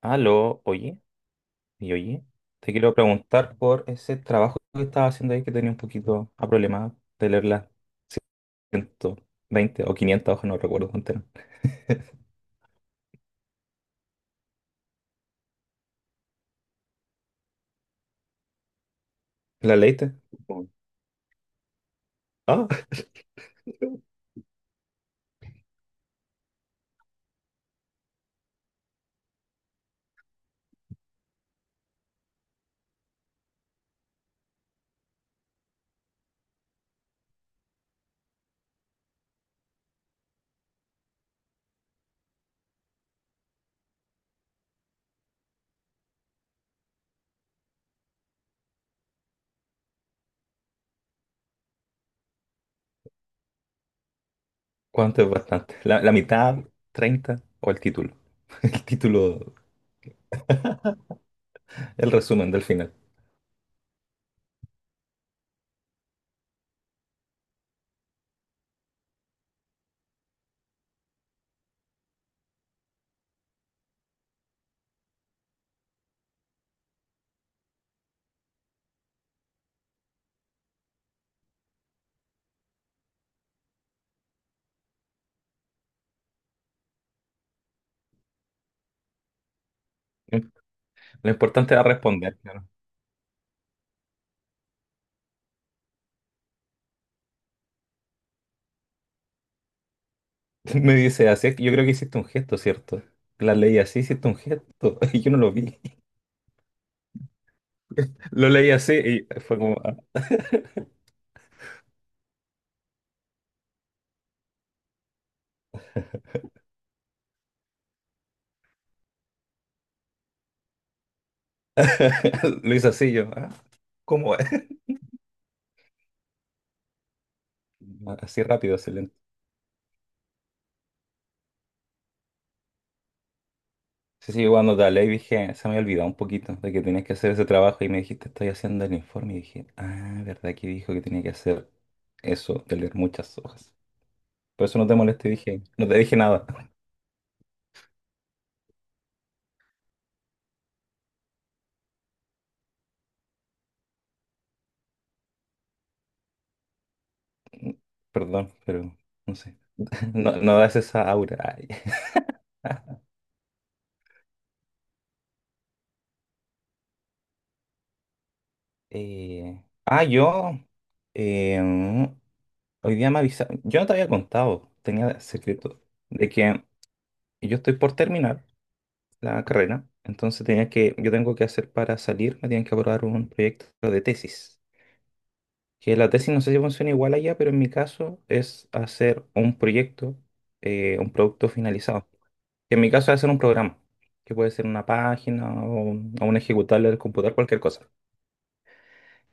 Aló, oye, y oye, te quiero preguntar por ese trabajo que estaba haciendo ahí que tenía un poquito a problema de leer las ciento veinte o 500 hojas, no recuerdo cuánto era. ¿La leíste? Ah, ¿cuánto es bastante? La mitad, 30 o el título. El título, el resumen del final. Lo importante era responder, claro. Me dice así, es que yo creo que hiciste un gesto, ¿cierto? La leí así, hiciste un gesto y yo no lo vi. Lo leí así y fue como, ah. Lo hice así yo. ¿Cómo? Ah, así rápido, excelente. Sí, sí, yo cuando te hablé y dije, se me había olvidado un poquito de que tenías que hacer ese trabajo y me dijiste, estoy haciendo el informe y dije, ah, verdad que dijo que tenía que hacer eso, de leer muchas hojas. Por eso no te molesté, dije, no te dije nada. Perdón, pero no sé, no, no das esa aura. Ay. Eh, yo, eh, hoy día me avisaron, yo no te había contado, tenía secreto, de que yo estoy por terminar la carrera. Entonces tenía que, yo tengo que hacer para salir, me tienen que aprobar un proyecto de tesis. Que la tesis no sé si funciona igual allá, pero en mi caso es hacer un proyecto, un producto finalizado. Que en mi caso es hacer un programa, que puede ser una página o un ejecutable del computador, cualquier cosa.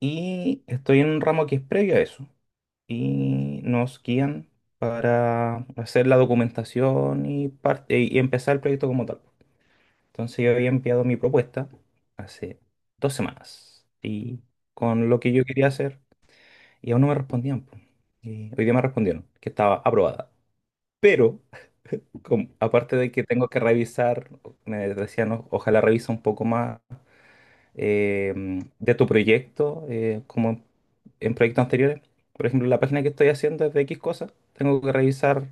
Y estoy en un ramo que es previo a eso. Y nos guían para hacer la documentación y, parte, y empezar el proyecto como tal. Entonces yo había enviado mi propuesta hace dos semanas y con lo que yo quería hacer y aún no me respondían, po. Y hoy día me respondieron que estaba aprobada. Pero como- aparte de que tengo que revisar, me decían, "O- ojalá revisa un poco más eh, de tu proyecto, como en proyectos anteriores. Por ejemplo, la página que estoy haciendo es de X cosas. Tengo que revisar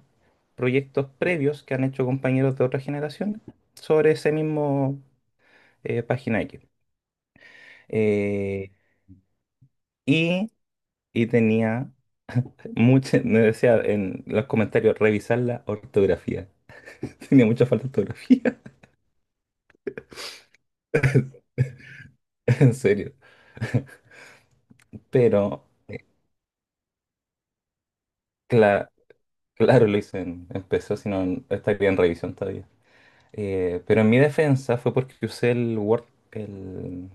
proyectos previos que han hecho compañeros de otras generaciones sobre ese mismo página X. Eh, y, y tenía mucha, me decía en los comentarios, revisar la ortografía. Tenía mucha falta de ortografía, en serio. Pero, cla- claro, lo hice en PC, si no estaría en revisión todavía. Pero en mi defensa fue porque usé el Word, el,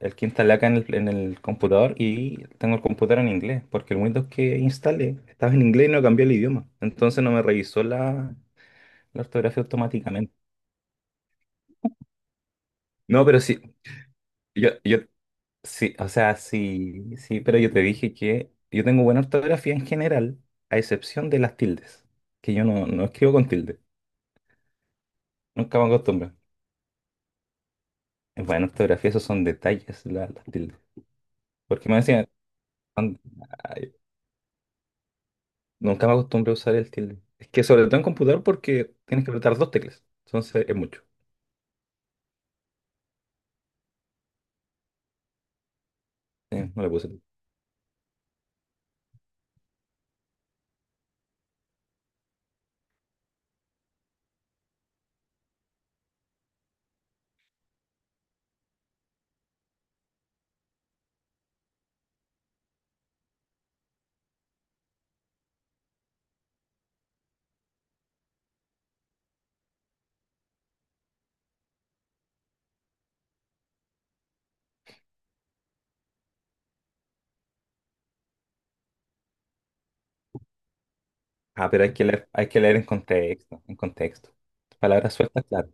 el que instalé acá en el computador, y tengo el computador en inglés, porque el Windows que instalé estaba en inglés y no cambié el idioma. Entonces no me revisó la, la ortografía automáticamente. No, pero sí, Yo, yo, sí, o sea, sí, sí, pero yo te dije que yo tengo buena ortografía en general, a excepción de las tildes, que yo no, no escribo con tilde, nunca me acostumbro. En buena ortografía esos son detalles, las tildes. Porque me decían, "Juan, ay, nunca me acostumbro a usar el tilde. Es que sobre todo en computador porque tienes que apretar dos teclas, entonces es mucho. Sí, no le puse tilde. Ah, pero hay que leer en contexto, en contexto. Palabras sueltas, claro.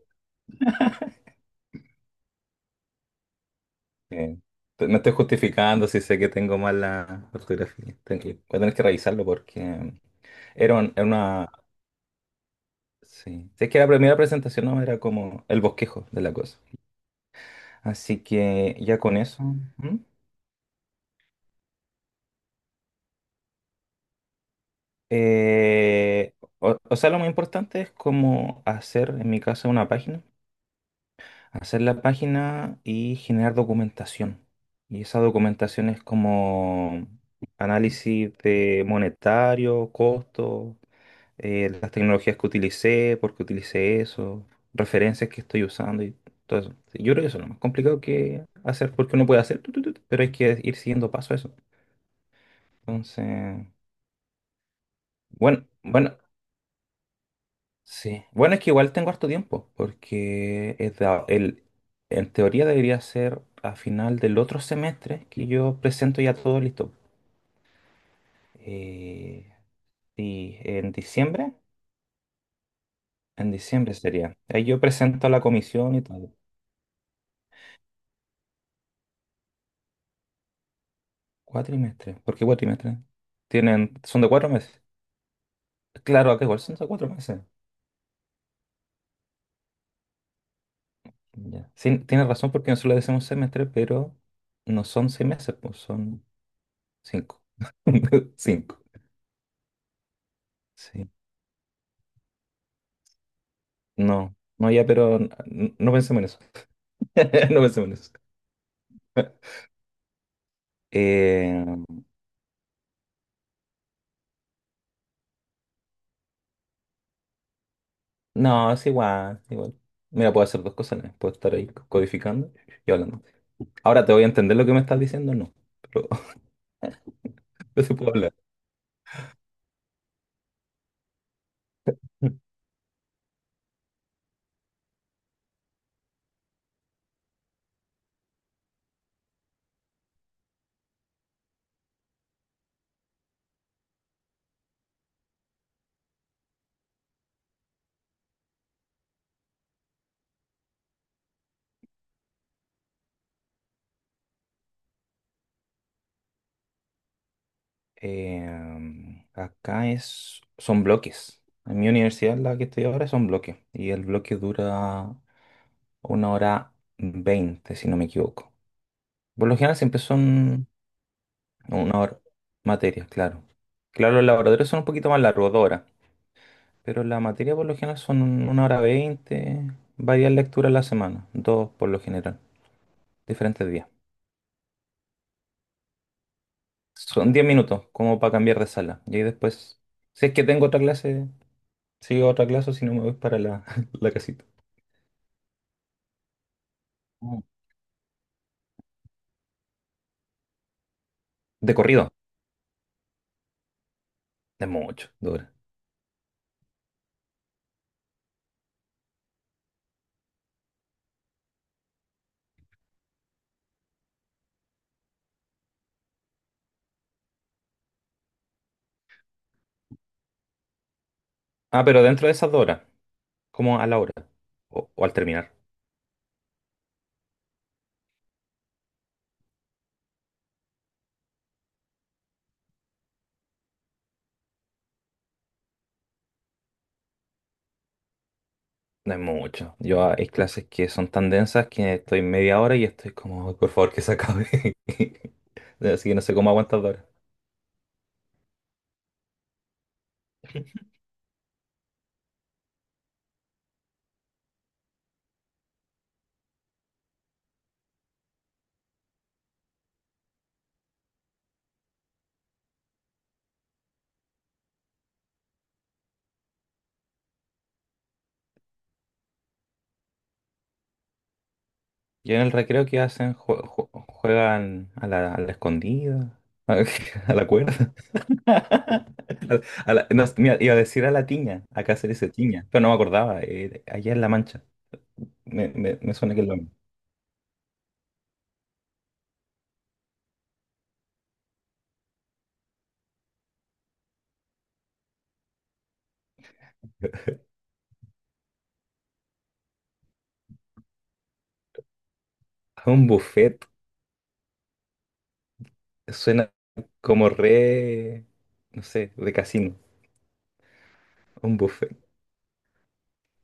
Eh, me estoy justificando si sé que tengo mal la ortografía. Voy a tener que revisarlo porque era, era una... Sí. Si es que la primera presentación no era como el bosquejo de la cosa. Así que ya con eso. ¿Mm? Eh, o, o sea, lo más importante es como hacer, en mi caso, una página. Hacer la página y generar documentación. Y esa documentación es como análisis de monetario, costo, las tecnologías que utilicé, por qué utilicé eso, referencias que estoy usando y todo eso. Sí, yo creo que eso es lo más complicado que hacer, porque uno puede hacer, tu, pero hay que ir siguiendo paso a eso. Entonces, bueno, bueno, sí. Bueno, es que igual tengo harto tiempo, porque es en teoría debería ser a final del otro semestre que yo presento ya todo listo. Eh, y en diciembre, en diciembre sería. Ahí yo presento a la comisión y todo. Cuatrimestre. ¿Por qué cuatrimestre? Tienen, son de cuatro meses. Claro, acá igual son de cuatro meses. Ya. Sí, tienes razón porque nosotros le decimos semestre, pero no son seis meses, pues son cinco. Cinco. Sí. No, no, ya, pero no, pensemos en eso. No pensemos en eso. Eh, no, es igual, es igual. Mira, puedo hacer dos cosas a la vez. Puedo estar ahí codificando y hablando. Ahora te voy a entender lo que me estás diciendo, no. Pero, pero se puede hablar. Em, acá es, son bloques. En mi universidad, la que estoy ahora, son bloques. Y el bloque dura una hora veinte, si no me equivoco. Por lo general siempre son una hora materias, claro. Claro, los laboratorios son un poquito más largos, dos horas. Pero la materia por lo general son una hora veinte, varias lecturas a la semana, dos por lo general, diferentes días. Son diez minutos, como para cambiar de sala. Y ahí después, si es que tengo otra clase. Sí, otra clase si no me voy para la, la casita. Mm. De corrido, de mucho, de horas. Ah, pero dentro de esas dos horas, como a la hora o al terminar, no es mucho. Yo, ah, hay clases que son tan densas que estoy media hora y estoy como, "Ay, por favor, que se acabe. Así que no sé cómo aguantas dos horas. Y en el recreo qué hacen, juegan a la escondida, a la cuerda. A la- no, mira, iba a decir a la tiña, acá se dice tiña, pero no me acordaba, allá en La Mancha. Me suena que lo... A un buffet suena como re... No sé, de casino. Un buffet.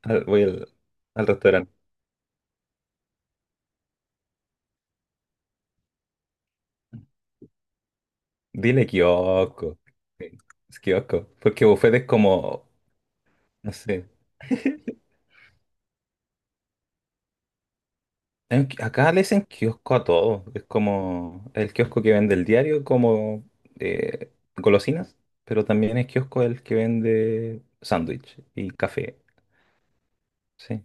Voy al, al restaurante. Dile kiosco. Sí, es kiosco. Porque buffet es como... No sé. Acá le dicen kiosco a todo. Es como el kiosco que vende el diario, como eh, golosinas, pero también es kiosco el que vende sándwich y café. Sí.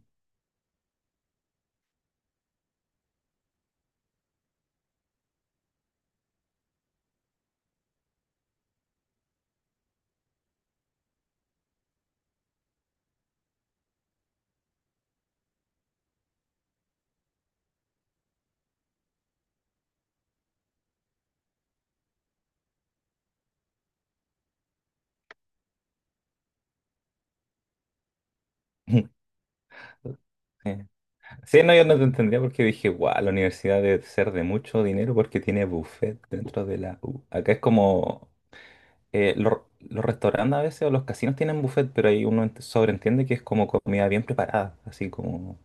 Sí. Sí, no, yo no te entendía porque dije, guau, la universidad debe ser de mucho dinero porque tiene buffet dentro de la U. Acá es como, los restaurantes a veces o los casinos tienen buffet, pero ahí uno ent- sobreentiende que es como comida bien preparada, así como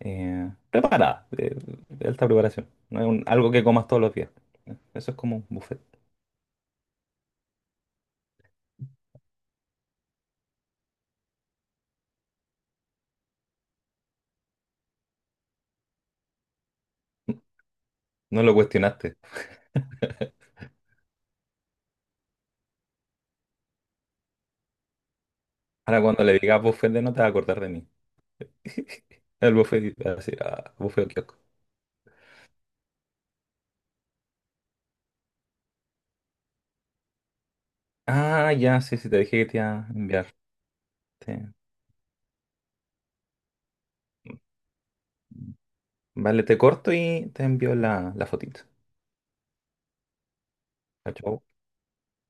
preparada, de alta preparación. No es algo que comas todos los días. Eso es como un buffet. No lo cuestionaste. Ahora cuando le digas buffet de no te vas a acordar de mí. El buffet, así, ah, buffet o kiosco. Ah, ya, sí, sí, te dije que te iba a enviar. Sí. Vale, te corto y te envío la, la fotito. Chao, chao.